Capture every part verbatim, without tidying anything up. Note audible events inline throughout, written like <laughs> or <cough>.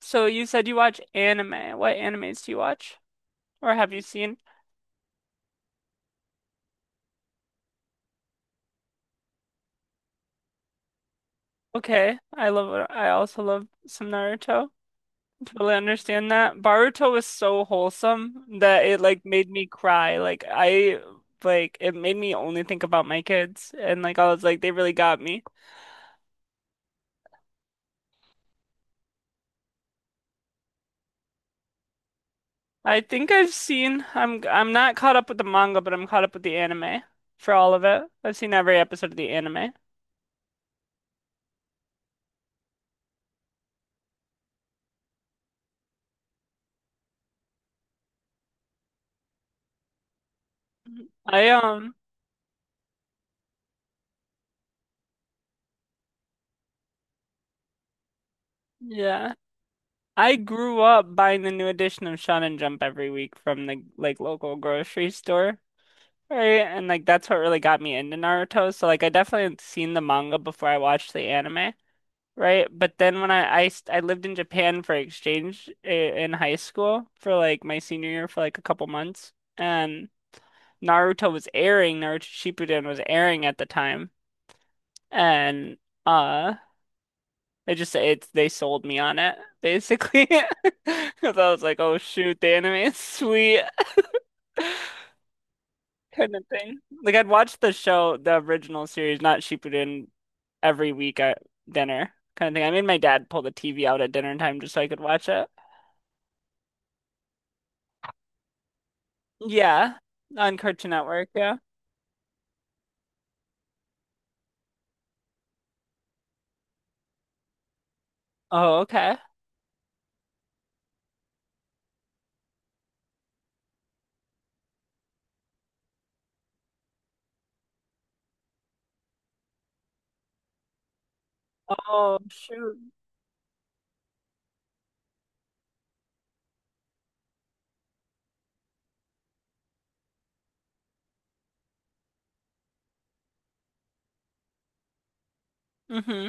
So you said you watch anime. What animes do you watch? Or have you seen? Okay, I love I also love some Naruto. Totally understand that. Boruto was so wholesome that it like made me cry. Like I like it made me only think about my kids, and like I was like they really got me. I think I've seen I'm I'm not caught up with the manga, but I'm caught up with the anime for all of it. I've seen every episode of the anime. I um yeah. I grew up buying the new edition of Shonen and Jump every week from the like local grocery store, right? And like that's what really got me into Naruto. So like I definitely had seen the manga before I watched the anime, right? But then when I I, st- I lived in Japan for exchange i- in high school for like my senior year for like a couple months, and Naruto was airing, Naruto Shippuden was airing at the time, and. Uh. They just it they sold me on it basically <laughs> because I was like, oh shoot, the anime is sweet <laughs> kind of thing. Like I'd watch the show, the original series, not Shippuden, every week at dinner kind of thing. I made my dad pull the T V out at dinner time just so I could watch it. Yeah, on Cartoon Network. Yeah. Oh, okay. Oh shoot. Hmm.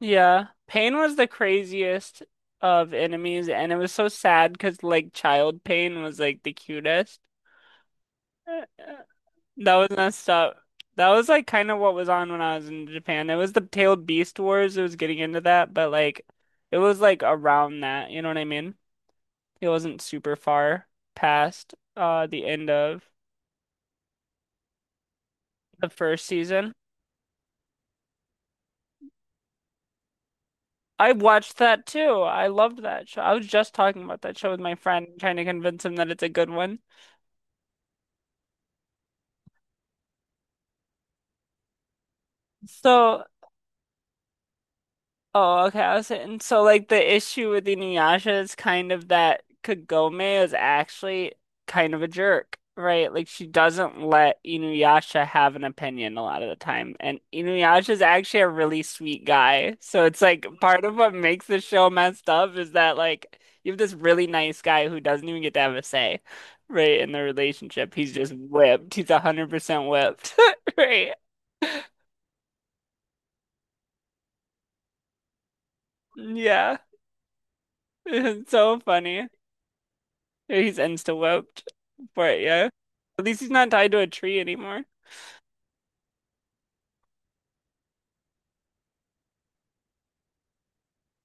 Yeah. Pain was the craziest of enemies, and it was so sad because like child Pain was like the cutest. <laughs> That was messed up. That was like kind of what was on when I was in Japan. It was the Tailed Beast Wars. It was getting into that, but like it was like around that, you know what I mean? It wasn't super far past uh the end of the first season. I watched that too. I loved that show. I was just talking about that show with my friend, trying to convince him that it's a good one. So oh, okay. I was saying, so like the issue with Inuyasha is kind of that Kagome is actually kind of a jerk, right? Like she doesn't let Inuyasha have an opinion a lot of the time, and Inuyasha is actually a really sweet guy. So it's like part of what makes the show messed up is that like you have this really nice guy who doesn't even get to have a say, right, in the relationship. He's just whipped. He's one hundred percent whipped, <laughs> right? Yeah. <laughs> It's so funny. He's insta whooped. But yeah. At least he's not tied to a tree anymore.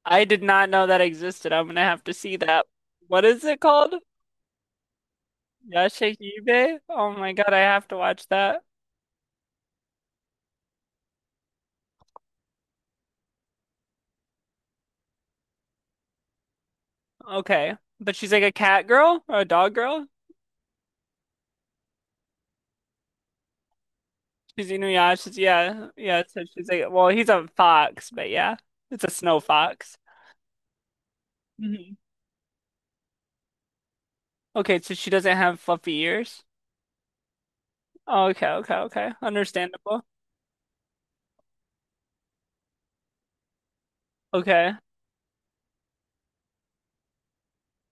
I did not know that existed. I'm gonna have to see that. What is it called? Yashahime? Oh my God, I have to watch that. Okay. But she's like a cat girl or a dog girl? She's Inuyasha's, yeah. Yeah, so she's like, well, he's a fox, but yeah. It's a snow fox. Hmm. Okay, so she doesn't have fluffy ears? Oh, okay, okay, okay. Understandable. Okay.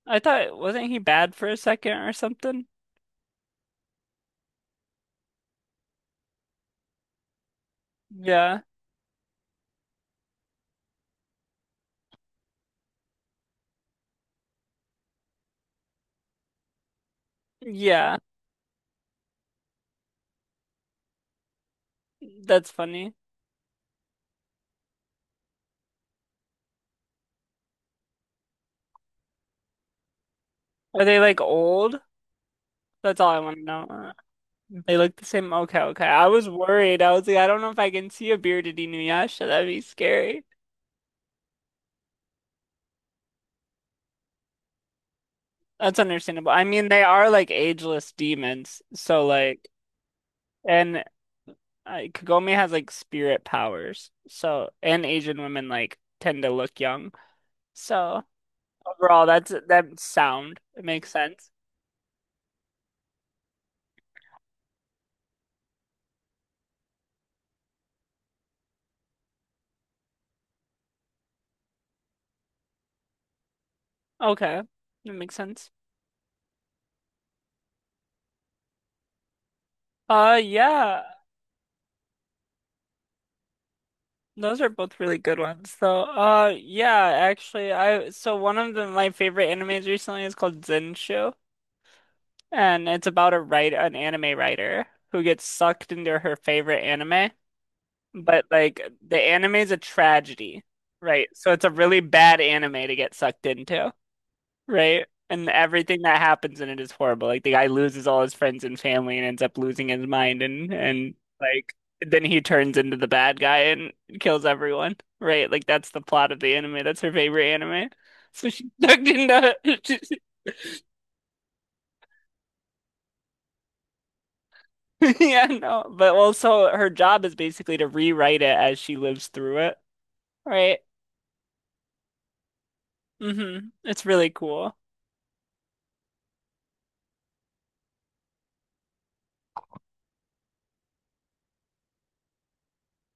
I thought, wasn't he bad for a second or something? Yeah. Yeah, that's funny. Are they like old? That's all I want to know. Uh, They look the same. Okay, okay. I was worried. I was like, I don't know if I can see a bearded Inuyasha. That'd be scary. That's understandable. I mean, they are like ageless demons. So like, and uh, Kagome has like spirit powers. So, and Asian women like tend to look young. So overall, that's that sound. It makes sense. Okay, that makes sense. Uh, yeah. Those are both really good ones, though. Uh, yeah, actually, I so one of the, my favorite animes recently is called Zenshou, and it's about a write an anime writer who gets sucked into her favorite anime, but like the anime is a tragedy, right? So it's a really bad anime to get sucked into, right? And everything that happens in it is horrible. Like the guy loses all his friends and family and ends up losing his mind, and and like then he turns into the bad guy and kills everyone, right? Like that's the plot of the anime. That's her favorite anime. So she dug into. <laughs> Yeah, no. But also her job is basically to rewrite it as she lives through it, right? Hmm. It's really cool.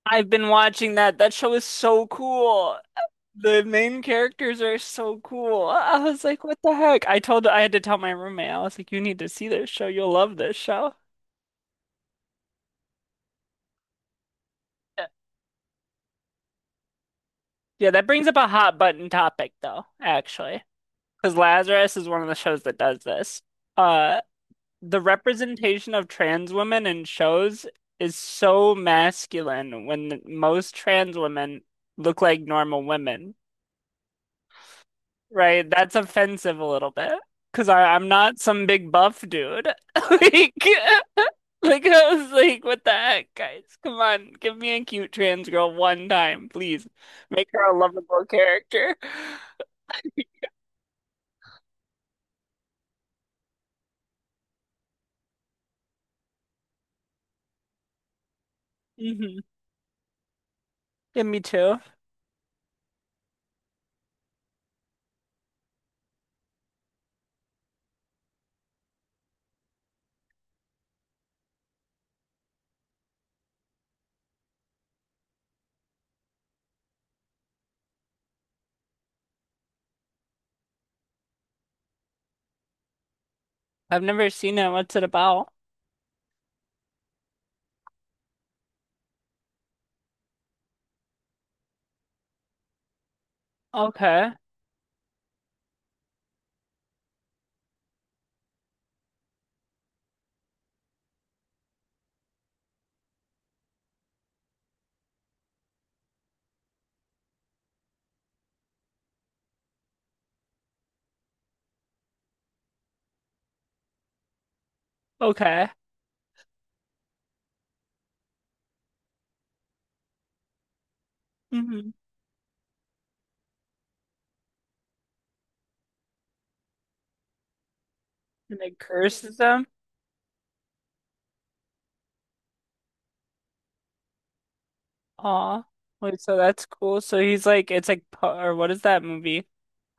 I've been watching that. That show is so cool. The main characters are so cool. I was like, what the heck? I told I had to tell my roommate. I was like, you need to see this show. You'll love this show. Yeah, yeah, that brings up a hot button topic though, actually, because Lazarus is one of the shows that does this. Uh, the representation of trans women in shows is so masculine when most trans women look like normal women. Right, that's offensive a little bit because I I'm not some big buff dude. <laughs> Like, <laughs> like I was like, what the heck, guys? Come on, give me a cute trans girl one time, please. Make her a lovable character. Hmm. Yeah, me too. I've never seen it. What's it about? Okay, okay. Hmm. And it curses them. Aw, wait, so that's cool. So he's like, it's like, po- or what is that movie?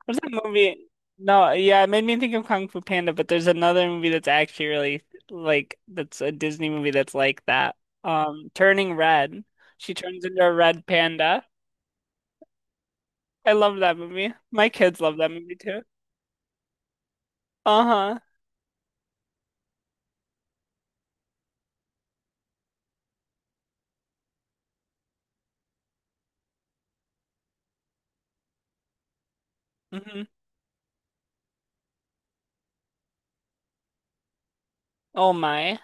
What's that movie? No, yeah, it made me think of Kung Fu Panda, but there's another movie that's actually really like that's a Disney movie that's like that. Um, Turning Red. She turns into a red panda. I love that movie. My kids love that movie too. Uh-huh. Hmm. Oh my.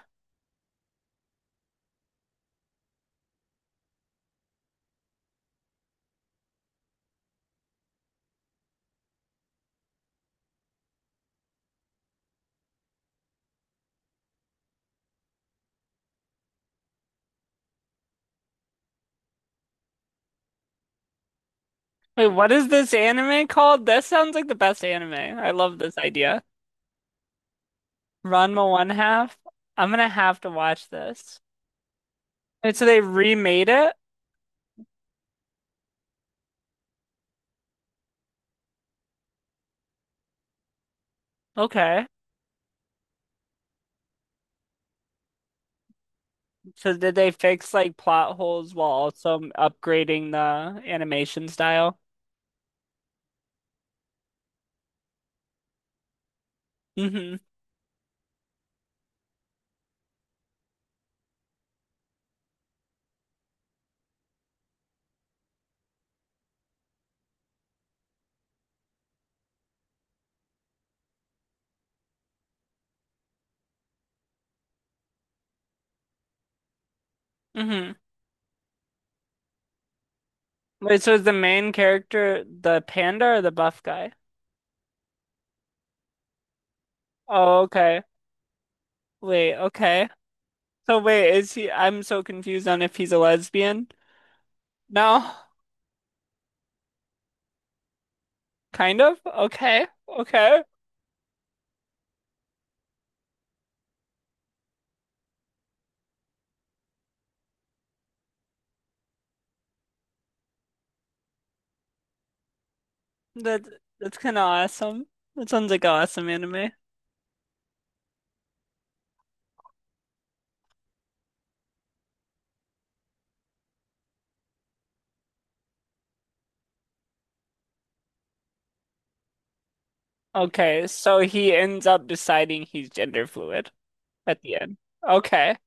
Wait, what is this anime called? This sounds like the best anime. I love this idea. Ranma One Half. I'm gonna have to watch this. And so they remade it? Okay. So did they fix like plot holes while also upgrading the animation style? Hmm. Hmm. Wait, so is the main character the panda or the buff guy? Oh, okay. Wait, okay. So wait, is he? I'm so confused on if he's a lesbian. No, kind of. Okay, okay. That that's kind of awesome. That sounds like an awesome anime. Okay, so he ends up deciding he's gender fluid at the end. Okay.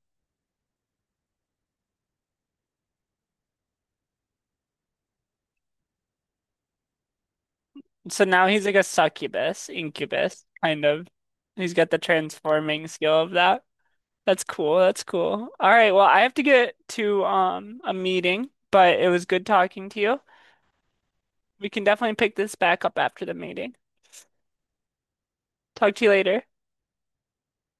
So now he's like a succubus, incubus, kind of. He's got the transforming skill of that. That's cool. That's cool. All right, well, I have to get to um a meeting, but it was good talking to you. We can definitely pick this back up after the meeting. Talk to you later.